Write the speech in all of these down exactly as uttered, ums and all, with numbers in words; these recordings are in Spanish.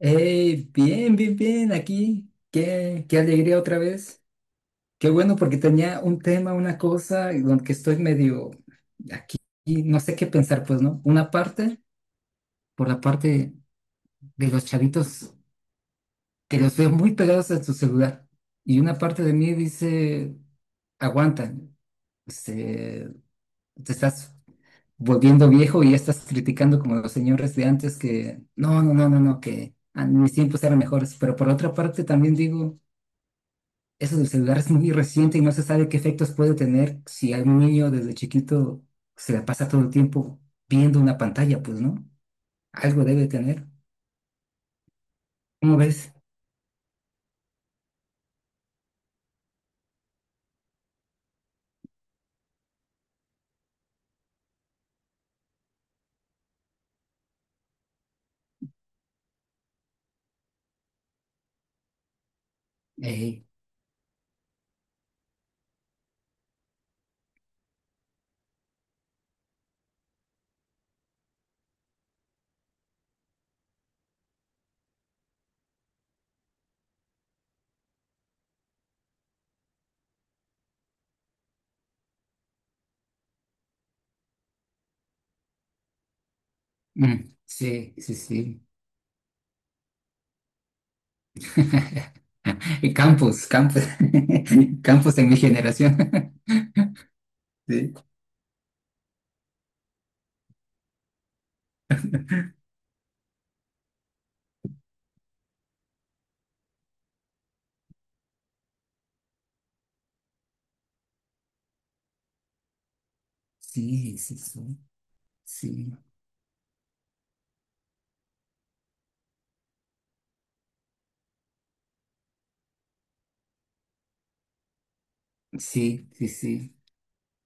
Hey, bien, bien, bien, aquí. Qué, qué alegría otra vez. Qué bueno, porque tenía un tema, una cosa, y donde que estoy medio aquí, y no sé qué pensar, pues, ¿no? Una parte, por la parte de los chavitos, que los veo muy pegados a su celular. Y una parte de mí dice, aguanta, se- te estás volviendo viejo y ya estás criticando como los señores de antes que, no, no, no, no, no, que a mis tiempos eran mejores. Pero por otra parte también digo. Eso del celular es muy reciente y no se sabe qué efectos puede tener si algún niño desde chiquito se la pasa todo el tiempo viendo una pantalla, pues, ¿no? Algo debe tener. ¿Cómo ves? Ey, mm, sí, sí, sí. Y Campos, Campos, Campos en mi generación. Sí, sí, sí, sí, sí, sí, sí, sí.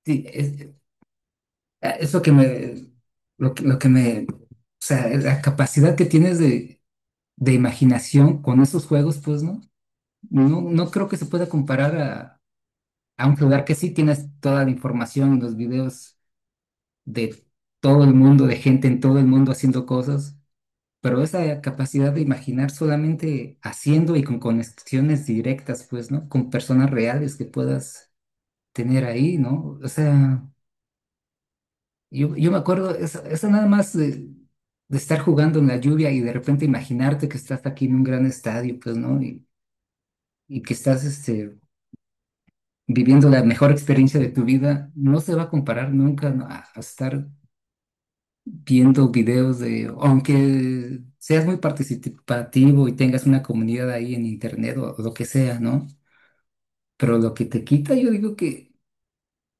Sí, es, es, lo que me, lo que, lo que me, o sea, la capacidad que tienes de de imaginación con esos juegos, pues no, no, no creo que se pueda comparar a, a un lugar que sí tienes toda la información, los videos de todo el mundo, de gente en todo el mundo haciendo cosas, pero esa capacidad de imaginar solamente haciendo y con conexiones directas, pues no, con personas reales que puedas tener ahí, ¿no? O sea, yo, yo, me acuerdo, eso, eso nada más. Eh, de estar jugando en la lluvia y de repente imaginarte que estás aquí en un gran estadio, pues, ¿no? Y, y, que estás este, viviendo la mejor experiencia de tu vida, no se va a comparar nunca, ¿no? a, a, estar viendo videos de, aunque seas muy participativo y tengas una comunidad ahí en internet o, o lo que sea, ¿no? Pero lo que te quita, yo digo que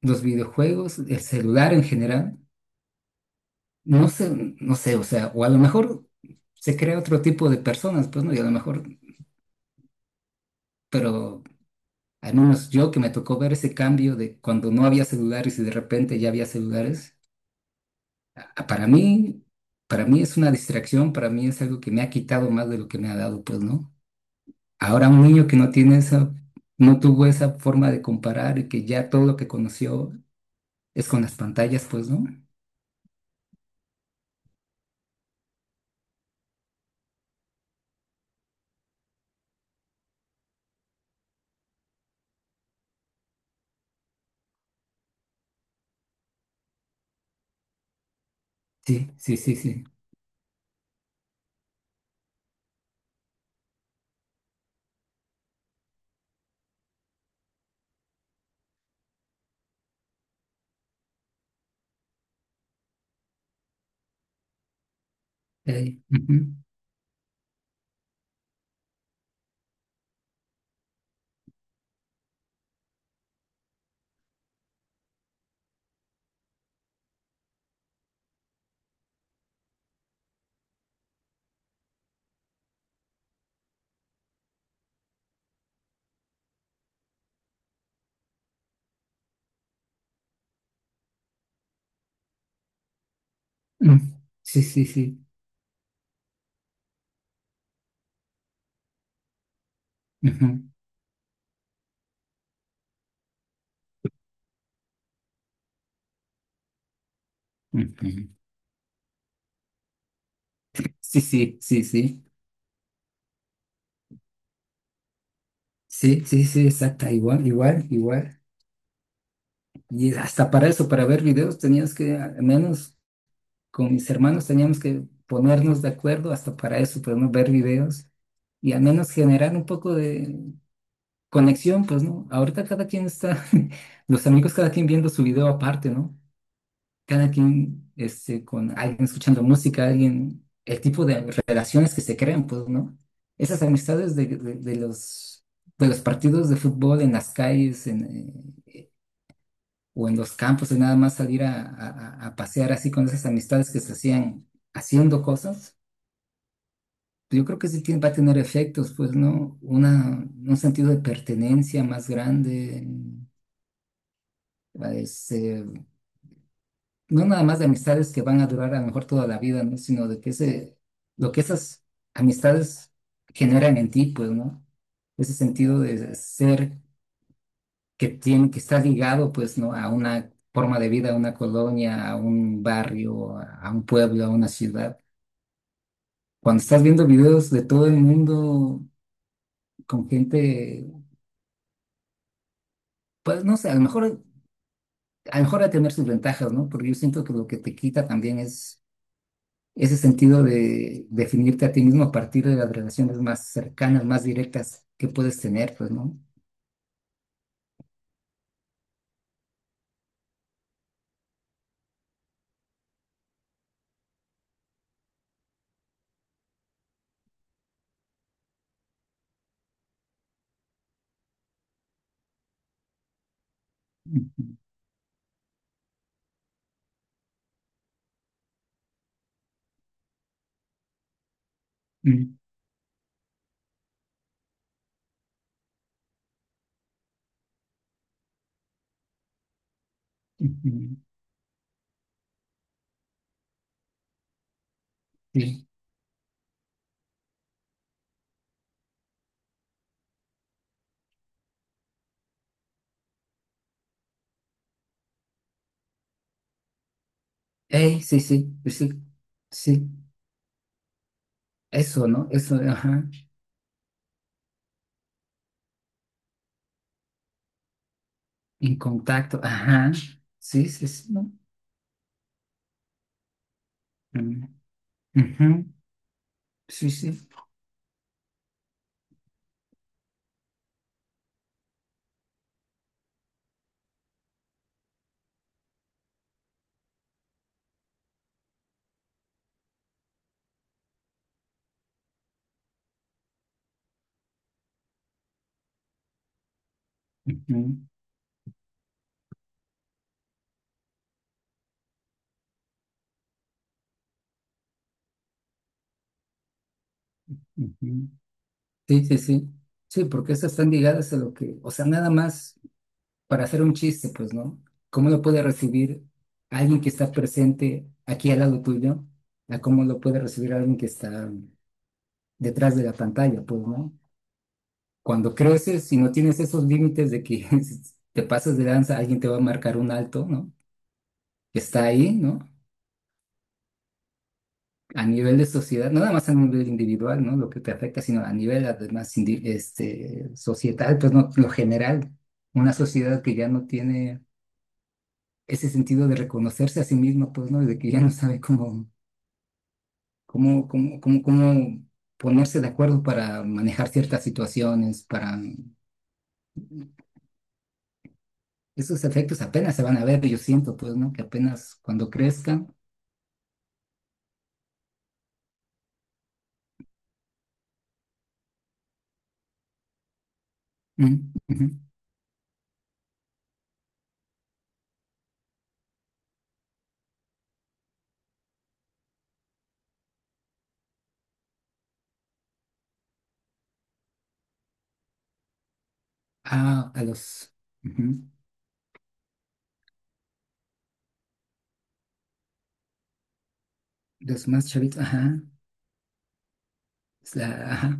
los videojuegos, el celular en general, no sé, no sé, o sea, o a lo mejor se crea otro tipo de personas, pues, ¿no? Y a lo mejor, pero. Al menos yo que me tocó ver ese cambio de cuando no había celulares y de repente ya había celulares. Ah, para mí, para mí es una distracción, para mí es algo que me ha quitado más de lo que me ha dado, pues, ¿no? Ahora un niño que no tiene esa, no tuvo esa forma de comparar y que ya todo lo que conoció es con las pantallas, pues, ¿no? Sí, sí, sí, sí. Ey, ujú, mm, sí, sí, sí. Ujú, ujú. Sí, sí, sí, sí. Sí, sí, sí, exacta, igual, igual, igual. Y hasta para eso, para ver videos, tenías que al menos con mis hermanos teníamos que ponernos de acuerdo hasta para eso, pues, ¿no? Ver videos y al menos generar un poco de conexión, pues, ¿no? Ahorita cada quien está, los amigos cada quien viendo su video aparte, ¿no? Cada quien, este, con alguien escuchando música, alguien, el tipo de relaciones que se crean, pues, ¿no? Esas amistades de, de- de los, de los partidos de fútbol en las calles, en, eh, o en los campos, de nada más salir a, a a- a pasear así con esas amistades que se hacían haciendo cosas. Yo creo que sí tiene- va a tener efectos, pues, ¿no? Una, un sentido de pertenencia más grande, este, no nada más de amistades que van a durar a lo mejor toda la vida, ¿no? Sino de que ese, lo que esas amistades generan en ti, pues, ¿no? Ese sentido de ser que tiene, que está ligado, pues, ¿no? A una forma de vida, a una colonia, a un barrio, a a un pueblo, a una ciudad. Cuando estás viendo videos de todo el mundo con gente, pues no sé, a lo mejor a lo mejor a tener sus ventajas, ¿no? Porque yo siento que lo que te quita también es ese sentido de definirte a ti mismo a partir de las relaciones más cercanas, más directas que puedes tener, pues, ¿no? Ujú, ujú, ujú, sí, ey, sí, sí, pues sí, sí, eso, ¿no? Eso, ajá, en contacto, ajá, sí, sí, sí, ¿no? Mm, ujú, sí, sí, ujú, ujú, sí, sí, sí, sí, porque esas están ligadas a lo que, o sea, nada más, para hacer un chiste, pues, ¿no? ¿Cómo lo puede recibir alguien que está presente aquí al lado tuyo? A cómo lo puede recibir alguien que está detrás de la pantalla, pues, ¿no? Cuando creces y no tienes esos límites de que si te pasas de lanza, alguien te va a marcar un alto, ¿no? Que está ahí, ¿no? A nivel de sociedad, no nada más a nivel individual, ¿no? Lo que te afecta, sino a nivel además indi- este, societal, pues, ¿no? Lo general, una sociedad que ya no tiene ese sentido de reconocerse a sí mismo, pues, ¿no? Y de que ya no sabe cómo, cómo, cómo, cómo, cómo ponerse de acuerdo para manejar ciertas situaciones, para. Esos efectos apenas se van a ver, yo siento, pues, ¿no? Que apenas cuando crezcan. Mm, ujú. Ah, a los, ujú, los más chavitos, ajá, es la- ajá,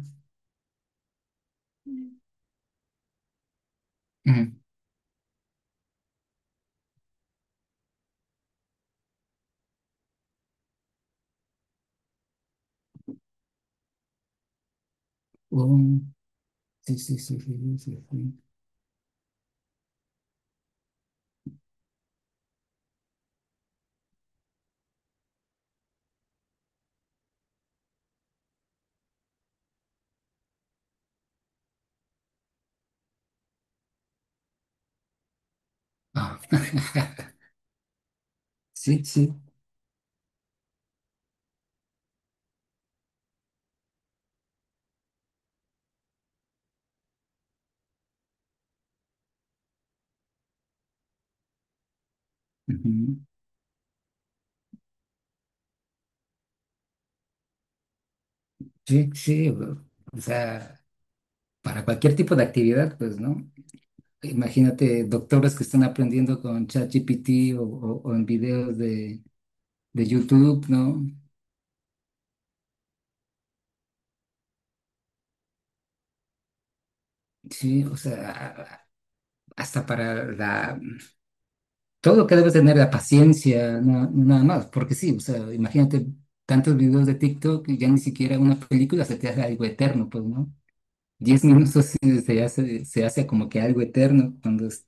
ujú. Oh, sí, sí, sí, sí, sí, sí, sí. Ah, sí, sí, ujú. Sí, sí, o o sea, para cualquier tipo de actividad, pues, ¿no? Imagínate doctores que están aprendiendo con ChatGPT o, o, o en videos de, de YouTube, ¿no? Sí, o sea, hasta para la, todo lo que debes tener, la paciencia, na- nada más, porque sí, o sea, imagínate tantos videos de TikTok y ya ni siquiera una película se te hace algo eterno, pues, ¿no? Diez minutos sí se hace, se hace como que algo eterno cuando es-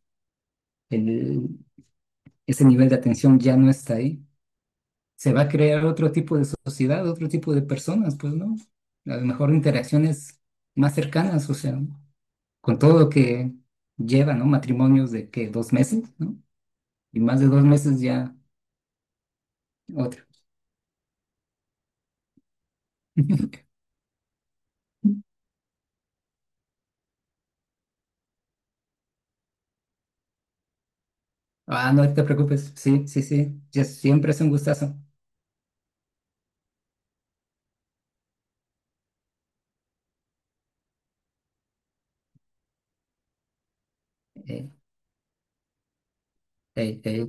el- ese nivel de atención ya no está ahí. Se va a crear otro tipo de sociedad, otro tipo de personas, pues, ¿no? A lo mejor interacciones más cercanas, o sea, con todo lo que lleva, ¿no? Matrimonios de que dos meses, ¿no? Y más de dos meses ya otro. Ah, no te preocupes, sí, sí, sí, ya siempre es un gustazo. Eh, eh, eh,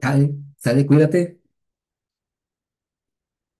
Sale, sale, cuídate.